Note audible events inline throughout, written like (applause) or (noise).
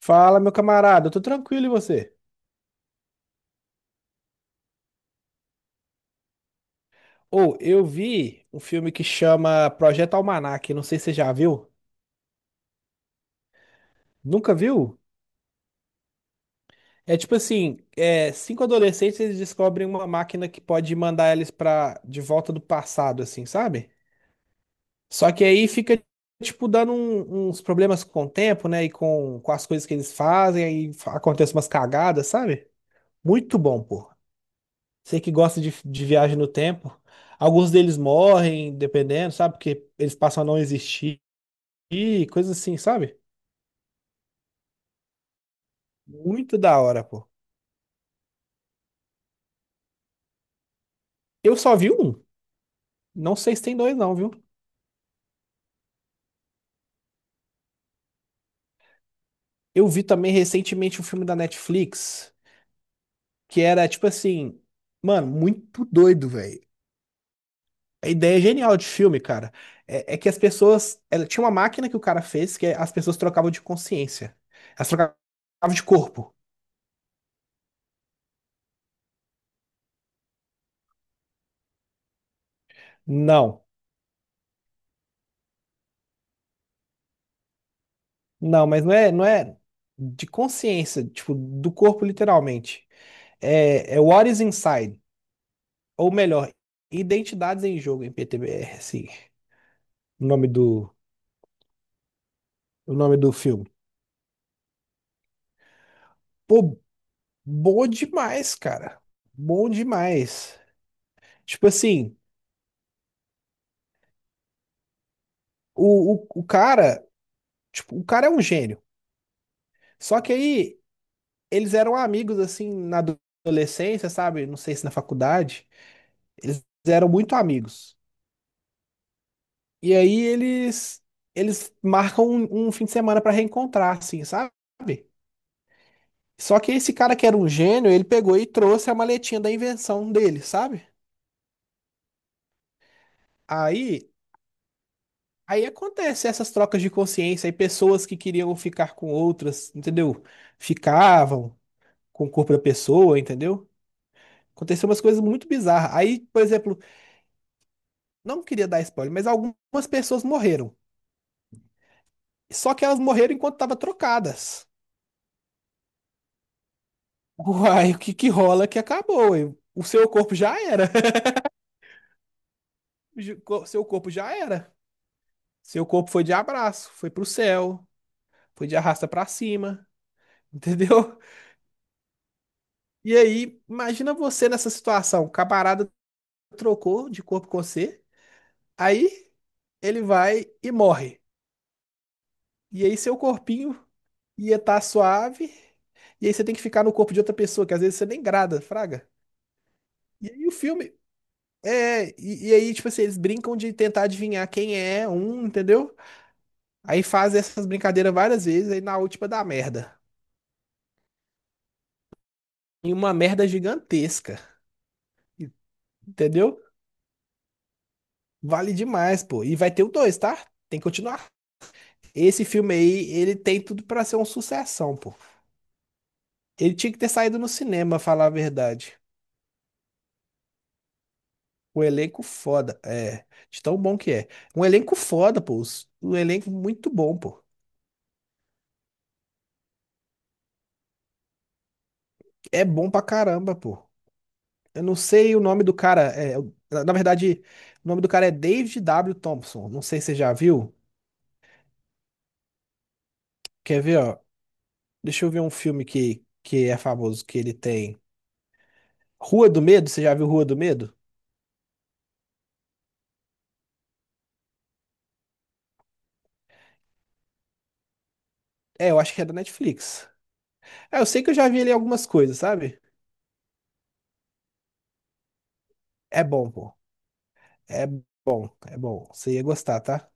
Fala, meu camarada, eu tô tranquilo e você? Ou Eu vi um filme que chama Projeto Almanac, não sei se você já viu. Nunca viu? É tipo assim, cinco adolescentes eles descobrem uma máquina que pode mandar eles para de volta do passado, assim, sabe? Só que aí fica tipo dando uns problemas com o tempo, né? E com as coisas que eles fazem, aí acontecem umas cagadas, sabe? Muito bom, pô. Você que gosta de viagem no tempo, alguns deles morrem, dependendo, sabe? Porque eles passam a não existir, e coisas assim, sabe? Muito da hora, pô. Eu só vi um. Não sei se tem dois, não, viu? Eu vi também recentemente um filme da Netflix, que era tipo assim, mano, muito doido, velho. A ideia é genial de filme, cara. É, é que as pessoas. Ela, tinha uma máquina que o cara fez que é, as pessoas trocavam de consciência. Elas trocavam de corpo. Não. Não, mas não é de consciência, tipo, do corpo literalmente. É, é What is Inside, ou melhor, Identidades em Jogo em PTBR, assim, o nome do, o nome do filme. Pô, bom demais, cara. Bom demais. Tipo assim, o, o, o cara, o cara é um gênio. Só que aí eles eram amigos assim na adolescência, sabe? Não sei se na faculdade, eles eram muito amigos. E aí eles marcam um fim de semana pra reencontrar, assim, sabe? Só que esse cara que era um gênio, ele pegou e trouxe a maletinha da invenção dele, sabe? Aí aí acontece essas trocas de consciência, aí pessoas que queriam ficar com outras, entendeu? Ficavam com o corpo da pessoa, entendeu? Aconteceu umas coisas muito bizarras. Aí, por exemplo, não queria dar spoiler, mas algumas pessoas morreram. Só que elas morreram enquanto estavam trocadas. Uai, o que que rola que acabou? Ué? O seu corpo já era. (laughs) Seu corpo já era. Seu corpo foi de abraço, foi pro céu, foi de arrasta pra cima, (laughs) entendeu? E aí, imagina você nessa situação. O camarada trocou de corpo com você, aí ele vai e morre. E aí seu corpinho ia estar suave, e aí você tem que ficar no corpo de outra pessoa, que às vezes você nem grada, fraga. E aí o filme. Tipo assim, eles brincam de tentar adivinhar quem é um, entendeu? Aí faz essas brincadeiras várias vezes, aí na última dá merda. E uma merda gigantesca. Entendeu? Vale demais, pô. E vai ter o dois, tá? Tem que continuar. Esse filme aí, ele tem tudo pra ser uma sucessão, pô. Ele tinha que ter saído no cinema, falar a verdade. O elenco foda, é. De tão bom que é. Um elenco foda, pô. Um elenco muito bom, pô. É bom pra caramba, pô. Eu não sei o nome do cara. É, na verdade, o nome do cara é David W. Thompson. Não sei se você já viu. Quer ver, ó? Deixa eu ver um filme que é famoso, que ele tem. Rua do Medo, você já viu Rua do Medo? É, eu acho que é da Netflix. É, eu sei que eu já vi ali algumas coisas, sabe? É bom, pô. É é bom. Você ia gostar, tá?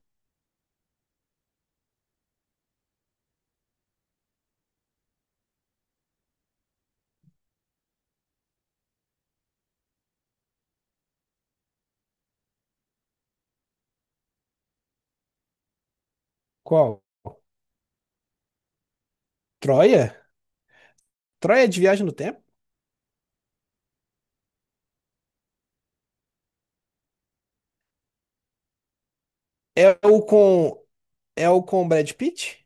Qual? Troia? Troia é de Viagem no Tempo? É o com. É o com Brad Pitt?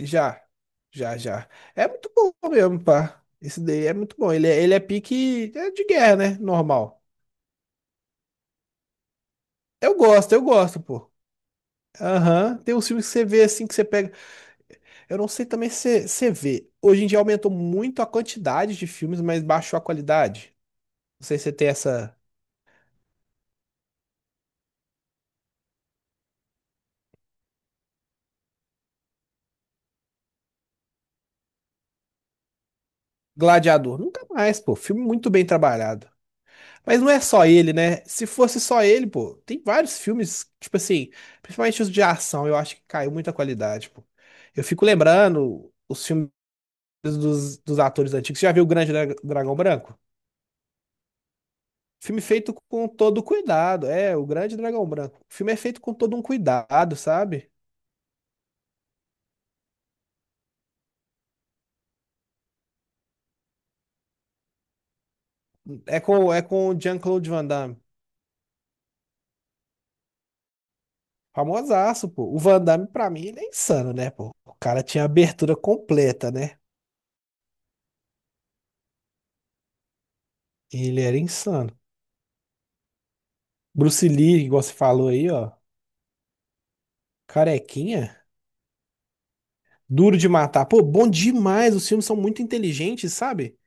Já, já. É muito bom mesmo, pá. Esse daí é muito bom. Ele é pique é de guerra, né? Normal. Eu gosto, pô. Aham. Tem uns filmes que você vê assim, que você pega. Eu não sei também se você vê. Hoje em dia aumentou muito a quantidade de filmes, mas baixou a qualidade. Não sei se você tem essa. Gladiador. Nunca mais, pô. Filme muito bem trabalhado. Mas não é só ele, né? Se fosse só ele, pô, tem vários filmes, tipo assim, principalmente os de ação, eu acho que caiu muita qualidade, pô. Eu fico lembrando os filmes dos atores antigos. Você já viu o Grande Dragão Branco? Filme feito com todo cuidado, é, o Grande Dragão Branco. O filme é feito com todo um cuidado, sabe? É com o Jean-Claude Van Damme. Famosaço, pô. O Van Damme, pra mim, ele é insano, né, pô? O cara tinha a abertura completa, né? Ele era insano. Bruce Lee, igual você falou aí, ó. Carequinha? Duro de matar. Pô, bom demais. Os filmes são muito inteligentes, sabe? (laughs)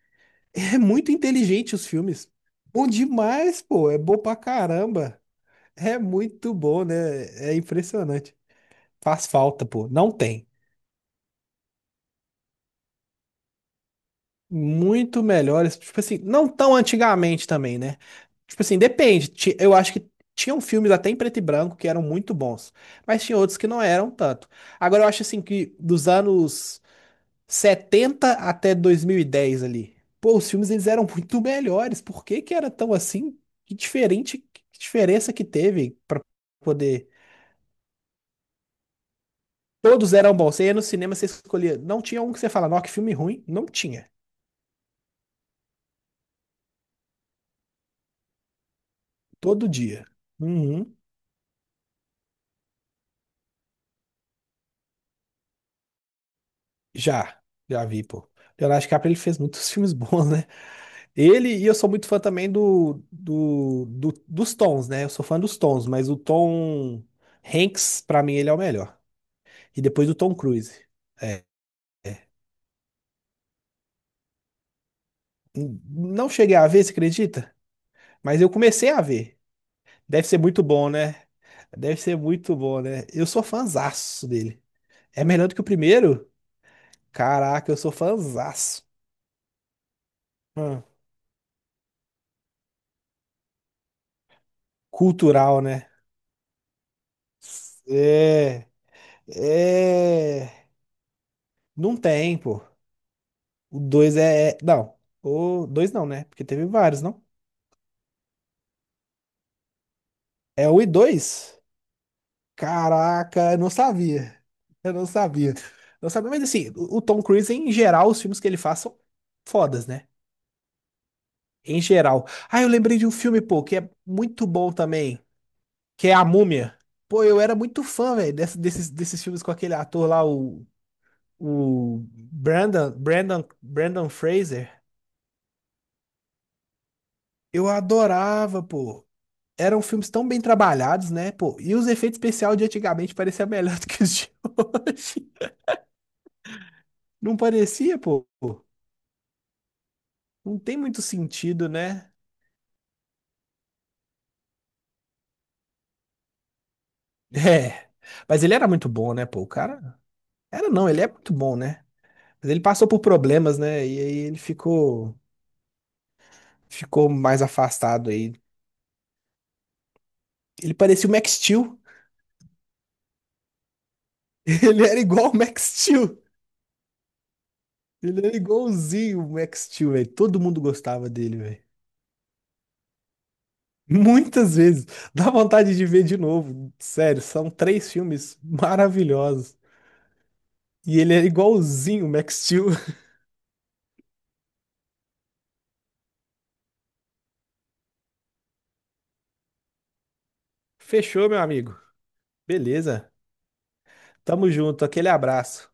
É muito inteligente os filmes. Bom demais, pô. É bom pra caramba. É muito bom, né? É impressionante. Faz falta, pô. Não tem. Muito melhores. Tipo assim, não tão antigamente também, né? Tipo assim, depende. Ti- Eu acho que tinham filmes até em preto e branco que eram muito bons, mas tinha outros que não eram tanto. Agora eu acho assim que dos anos 70 até 2010 ali. Pô, os filmes eles eram muito melhores. Por que que era tão assim? Que diferente, que diferença que teve pra poder. Todos eram bons. Você ia no cinema, você escolhia. Não tinha um que você fala, não, que filme ruim. Não tinha. Todo dia. Uhum. Já. Já vi, pô. Leonardo DiCaprio, ele fez muitos (laughs) filmes bons, né? Ele, e eu sou muito fã também dos Tons, né? Eu sou fã dos Tons, mas o Tom Hanks, pra mim, ele é o melhor. E depois o Tom Cruise. É. Não cheguei a ver, você acredita? Mas eu comecei a ver. Deve ser muito bom, né? Deve ser muito bom, né? Eu sou fãzaço dele. É melhor do que o primeiro? Caraca, eu sou fãzaço. Hum. Cultural, né? É. É. Não tem, pô. O 2 é. É, Não. O 2 não, né? Porque teve vários, não? É o e 2. Caraca, eu não sabia. Eu não sabia. Não sabia, mas assim, o Tom Cruise, em geral, os filmes que ele faz são fodas, né? Em geral. Ah, eu lembrei de um filme, pô, que é muito bom também, que é A Múmia. Pô, eu era muito fã, velho, desses filmes com aquele ator lá, o Brandon Fraser. Eu adorava, pô. Eram filmes tão bem trabalhados, né, pô? E os efeitos especiais de antigamente pareciam melhor do que os de hoje. (laughs) Não parecia, pô? Não tem muito sentido, né? É. Mas ele era muito bom, né, pô? O cara. Era não, ele é muito bom, né? Mas ele passou por problemas, né? E aí ele ficou. Ficou mais afastado aí. Ele parecia o Max Steel. (laughs) Ele era igual o Max Steel. Ele era igualzinho o Max Steel, velho. Todo mundo gostava dele, velho. Muitas vezes. Dá vontade de ver de novo. Sério, são três filmes maravilhosos. E ele era igualzinho o Max Steel. (laughs) Fechou, meu amigo. Beleza. Tamo junto, aquele abraço.